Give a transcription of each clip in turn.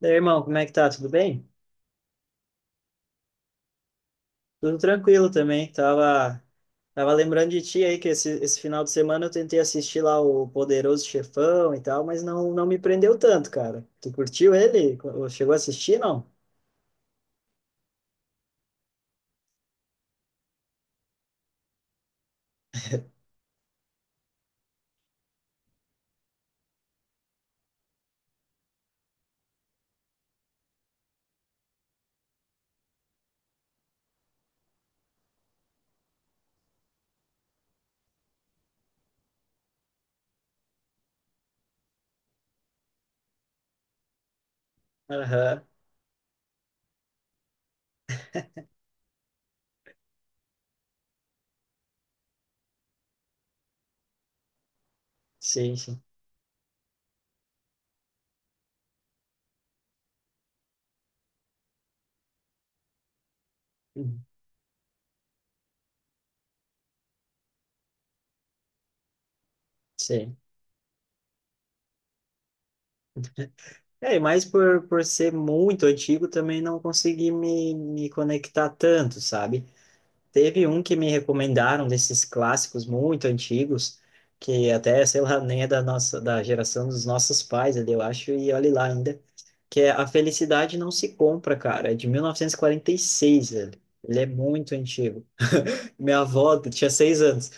Daí, irmão, como é que tá? Tudo bem? Tudo tranquilo também. Tava lembrando de ti aí que esse final de semana eu tentei assistir lá o Poderoso Chefão e tal, mas não me prendeu tanto, cara. Tu curtiu ele? Chegou a assistir, não? Aham. Sim, sim. Uhum. Sim. É, e mais por, ser muito antigo também não consegui me conectar tanto, sabe? Teve um que me recomendaram desses clássicos muito antigos, que até, sei lá, nem é da nossa, da geração dos nossos pais ali, eu acho, e olhe lá ainda, que é A Felicidade Não Se Compra, cara, é de 1946, ele é muito antigo. Minha avó tinha 6 anos,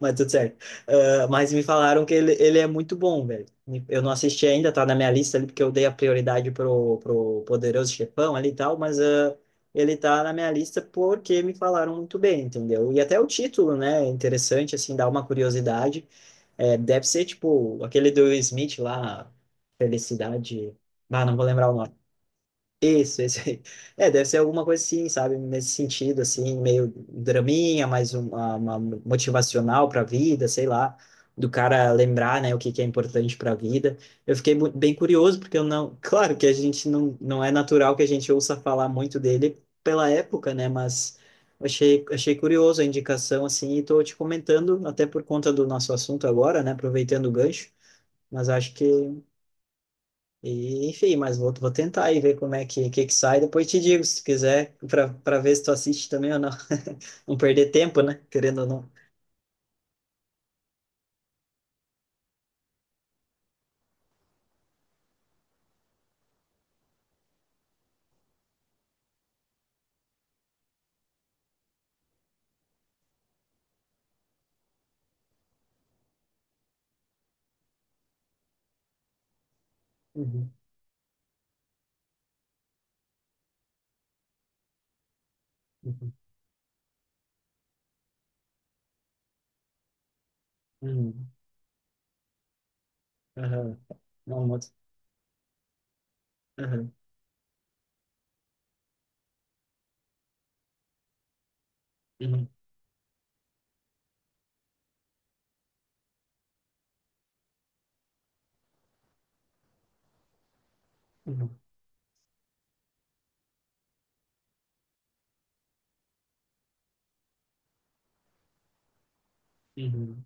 mas tudo certo. Ah, mas me falaram que ele é muito bom, velho. Eu não assisti ainda, tá na minha lista ali, porque eu dei a prioridade pro Poderoso Chefão ali e tal, mas ele tá na minha lista porque me falaram muito bem, entendeu? E até o título, né? É interessante, assim, dá uma curiosidade. É, deve ser, tipo, aquele do Will Smith lá, Felicidade. Ah, não vou lembrar o nome. Isso, esse aí. É, deve ser alguma coisa assim, sabe? Nesse sentido, assim, meio draminha, mais uma, motivacional para a vida, sei lá, do cara lembrar, né, o que que é importante para a vida. Eu fiquei bem curioso, porque eu não. Claro que a gente não é natural que a gente ouça falar muito dele pela época, né? Mas eu achei curioso a indicação, assim, e tô te comentando, até por conta do nosso assunto agora, né? Aproveitando o gancho, mas acho que enfim, mas vou tentar e ver como é que sai. Depois te digo, se quiser, para ver se tu assiste também ou não. Não perder tempo, né? Querendo ou não. Uhum, uhum, uhum, aham. Não, moto. Aham, uhum, uhum, uhum,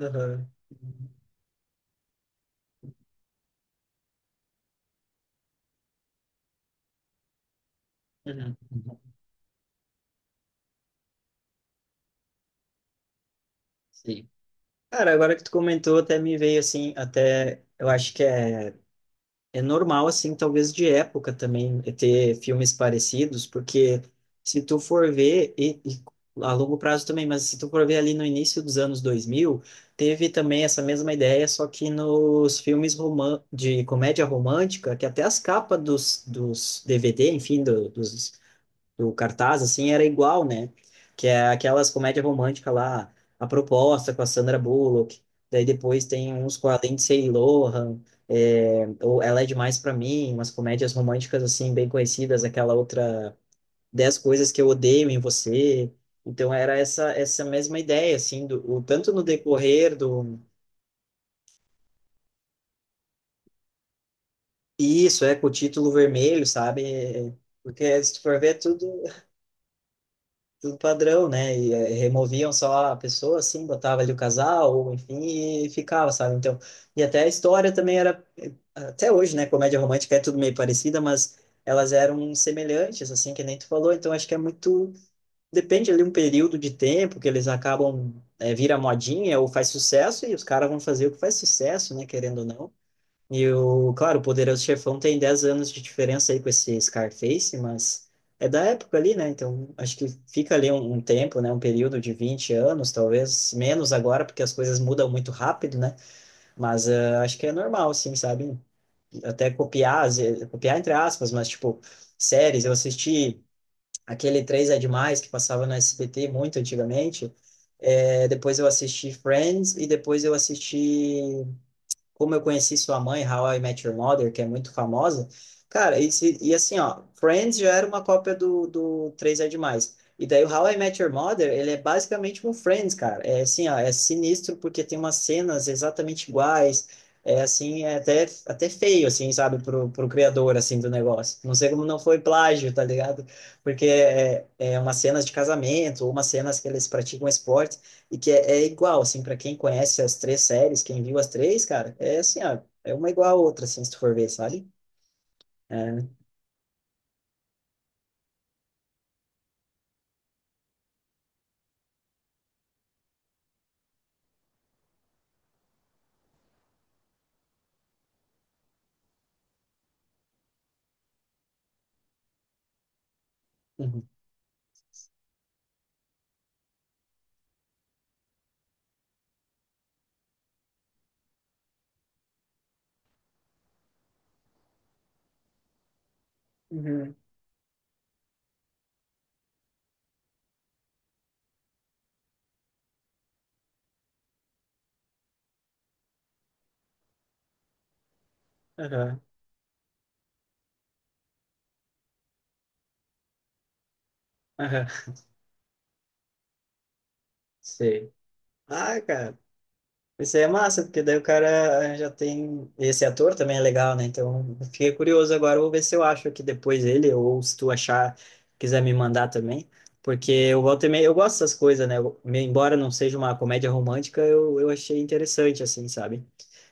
aham, uhum, uhum. Uhum. Sim. Cara, agora que tu comentou, até me veio assim, até eu acho que é. É normal, assim, talvez de época também, ter filmes parecidos, porque se tu for ver, e a longo prazo também, mas se tu for ver ali no início dos anos 2000, teve também essa mesma ideia, só que nos filmes roman de comédia romântica, que até as capas dos, DVD, enfim, do- dos do cartaz, assim, era igual, né? Que é aquelas comédias românticas lá, A Proposta com a Sandra Bullock, daí depois tem uns com a Lindsay Lohan, é, ou Ela é Demais para Mim, umas comédias românticas, assim, bem conhecidas, aquela outra Dez Coisas que Eu Odeio em Você. Então era essa mesma ideia, assim, do, o, tanto no decorrer do... Isso, é, com o título vermelho, sabe? É. Porque se tu for ver, é tudo do padrão, né? E removiam só a pessoa, assim, botava ali o casal, ou enfim, e ficava, sabe? Então, e até a história também era, até hoje, né? Comédia romântica é tudo meio parecida, mas elas eram semelhantes, assim, que nem tu falou. Então, acho que é muito, depende ali um período de tempo que eles acabam vira modinha ou faz sucesso e os caras vão fazer o que faz sucesso, né? Querendo ou não. E o, claro, o Poderoso Chefão tem 10 anos de diferença aí com esse Scarface, mas é da época ali, né? Então, acho que fica ali um tempo, né? Um período de 20 anos, talvez menos agora, porque as coisas mudam muito rápido, né? Mas ah, acho que é normal, sim, sabe? Até copiar, às vezes- copiar entre aspas, mas tipo, séries, eu assisti aquele Três é Demais que passava no SBT muito antigamente. É, depois eu assisti Friends e depois eu assisti como Eu Conheci Sua Mãe, How I Met Your Mother, que é muito famosa. Cara, e, e assim, ó, Friends já era uma cópia do Três é Demais. E daí o How I Met Your Mother, ele é basicamente um Friends, cara. É assim, ó, é sinistro porque tem umas cenas exatamente iguais. É assim, é até feio, assim, sabe, pro criador, assim, do negócio. Não sei como não foi plágio, tá ligado? Porque é umas cenas de casamento, ou umas cenas que eles praticam esporte, e que é igual, assim, para quem conhece as três séries, quem viu as três, cara, é assim, ó, é uma igual a outra, assim, se tu for ver, sabe? É. Uhum. Uhum. Aham. Aham. Sei. Ah, cara, isso aí é massa, porque daí o cara já tem. Esse ator também é legal, né? Então, eu fiquei curioso agora, eu vou ver se eu acho aqui depois ele, ou se tu achar, quiser me mandar também. Porque eu volto e meia, eu gosto dessas coisas, né? Embora não seja uma comédia romântica, eu achei interessante, assim, sabe?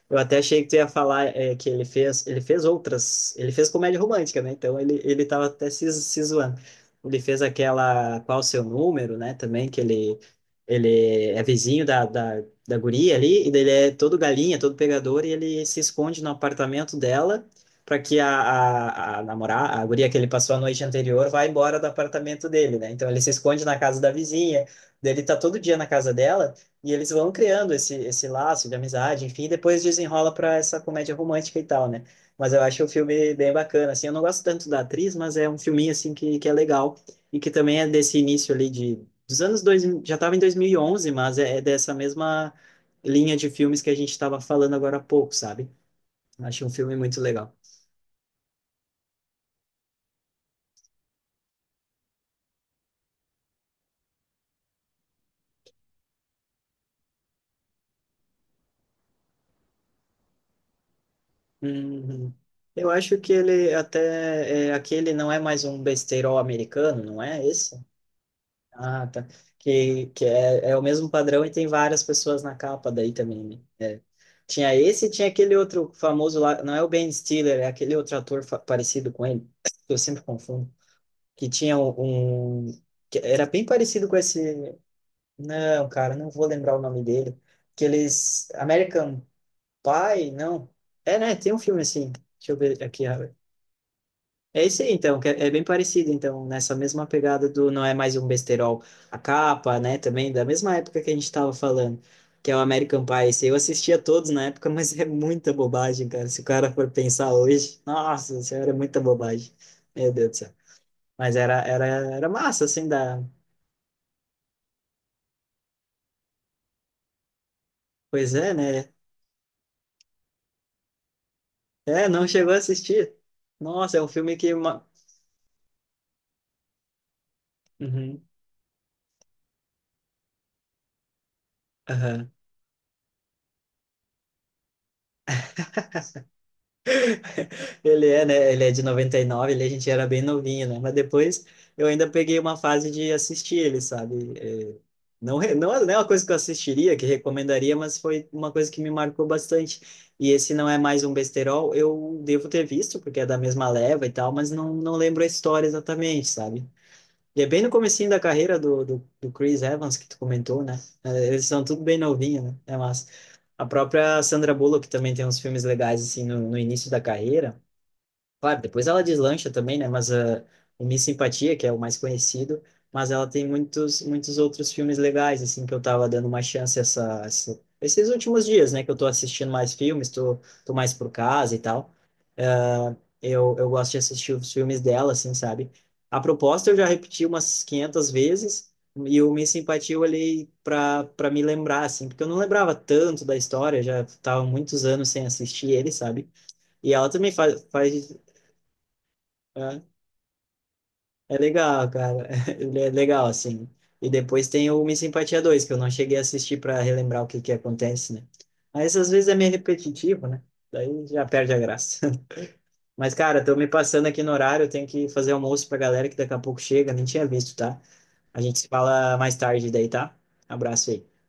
Eu até achei que tu ia falar é, que ele fez outras, ele fez comédia romântica, né? Então ele tava até se zoando. Ele fez aquela Qual o Seu Número, né? Também que ele é vizinho da guria ali, e daí ele é todo galinha, todo pegador, e ele se esconde no apartamento dela para que a namorada, a guria que ele passou a noite anterior, vá embora do apartamento dele, né? Então ele se esconde na casa da vizinha, daí ele tá todo dia na casa dela. E eles vão criando esse laço de amizade, enfim, e depois desenrola para essa comédia romântica e tal, né? Mas eu acho o filme bem bacana, assim, eu não gosto tanto da atriz, mas é um filminho, assim, que é legal, e que também é desse início ali de, dos anos 2000, já estava em 2011 mas é dessa mesma linha de filmes que a gente estava falando agora há pouco, sabe? Acho um filme muito legal. Uhum. Eu acho que ele até, é, aquele não é mais um besteirol americano, não é esse? Ah, tá. Que é o mesmo padrão e tem várias pessoas na capa daí também, né? É. Tinha esse e tinha aquele outro famoso lá, não é o Ben Stiller, é aquele outro ator parecido com ele, que eu sempre confundo, que tinha que era bem parecido com esse, não, cara, não vou lembrar o nome dele, aqueles American Pie, não, é, né, tem um filme assim, deixa eu ver aqui, é isso aí, então, que é bem parecido, então, nessa mesma pegada do Não É Mais Um Besterol, a capa, né, também, da mesma época que a gente estava falando, que é o American Pie, esse eu assistia todos na época, mas é muita bobagem, cara, se o cara for pensar hoje, nossa senhora, é muita bobagem, meu Deus do céu, mas era massa, assim, da... Pois é, né, é, não chegou a assistir, nossa, é um filme que... Uhum. Aham. Ele é, né? Ele é de 99. Ele, a gente era bem novinho, né? Mas depois eu ainda peguei uma fase de assistir ele, sabe? É, não, não, não é uma coisa que eu assistiria, que recomendaria, mas foi uma coisa que me marcou bastante. E esse não é mais um besterol, eu devo ter visto, porque é da mesma leva e tal, mas não, não lembro a história exatamente, sabe? E é bem no comecinho da carreira do Chris Evans, que tu comentou, né? É, eles são tudo bem novinho, né? É massa. A própria Sandra Bullock também tem uns filmes legais, assim, no início da carreira. Claro, depois ela deslancha também, né? Mas ah, o Miss Simpatia, que é o mais conhecido, mas ela tem muitos outros filmes legais, assim, que eu tava dando uma chance essa, esses últimos dias, né? Que eu tô assistindo mais filmes, tô mais por casa e tal. Ah, eu gosto de assistir os filmes dela, assim, sabe? A proposta eu já repeti umas 500 vezes e o Miss Simpatia eu olhei pra me lembrar, assim, porque eu não lembrava tanto da história, já tava muitos anos sem assistir ele, sabe? E ela também faz é, é legal, cara. Ele é legal, assim. E depois tem o Miss Simpatia 2, que eu não cheguei a assistir para relembrar o que que acontece, né? Mas às vezes é meio repetitivo, né? Daí já perde a graça. Mas, cara, tô me passando aqui no horário, eu tenho que fazer almoço pra galera que daqui a pouco chega, nem tinha visto, tá? A gente se fala mais tarde daí, tá? Abraço aí.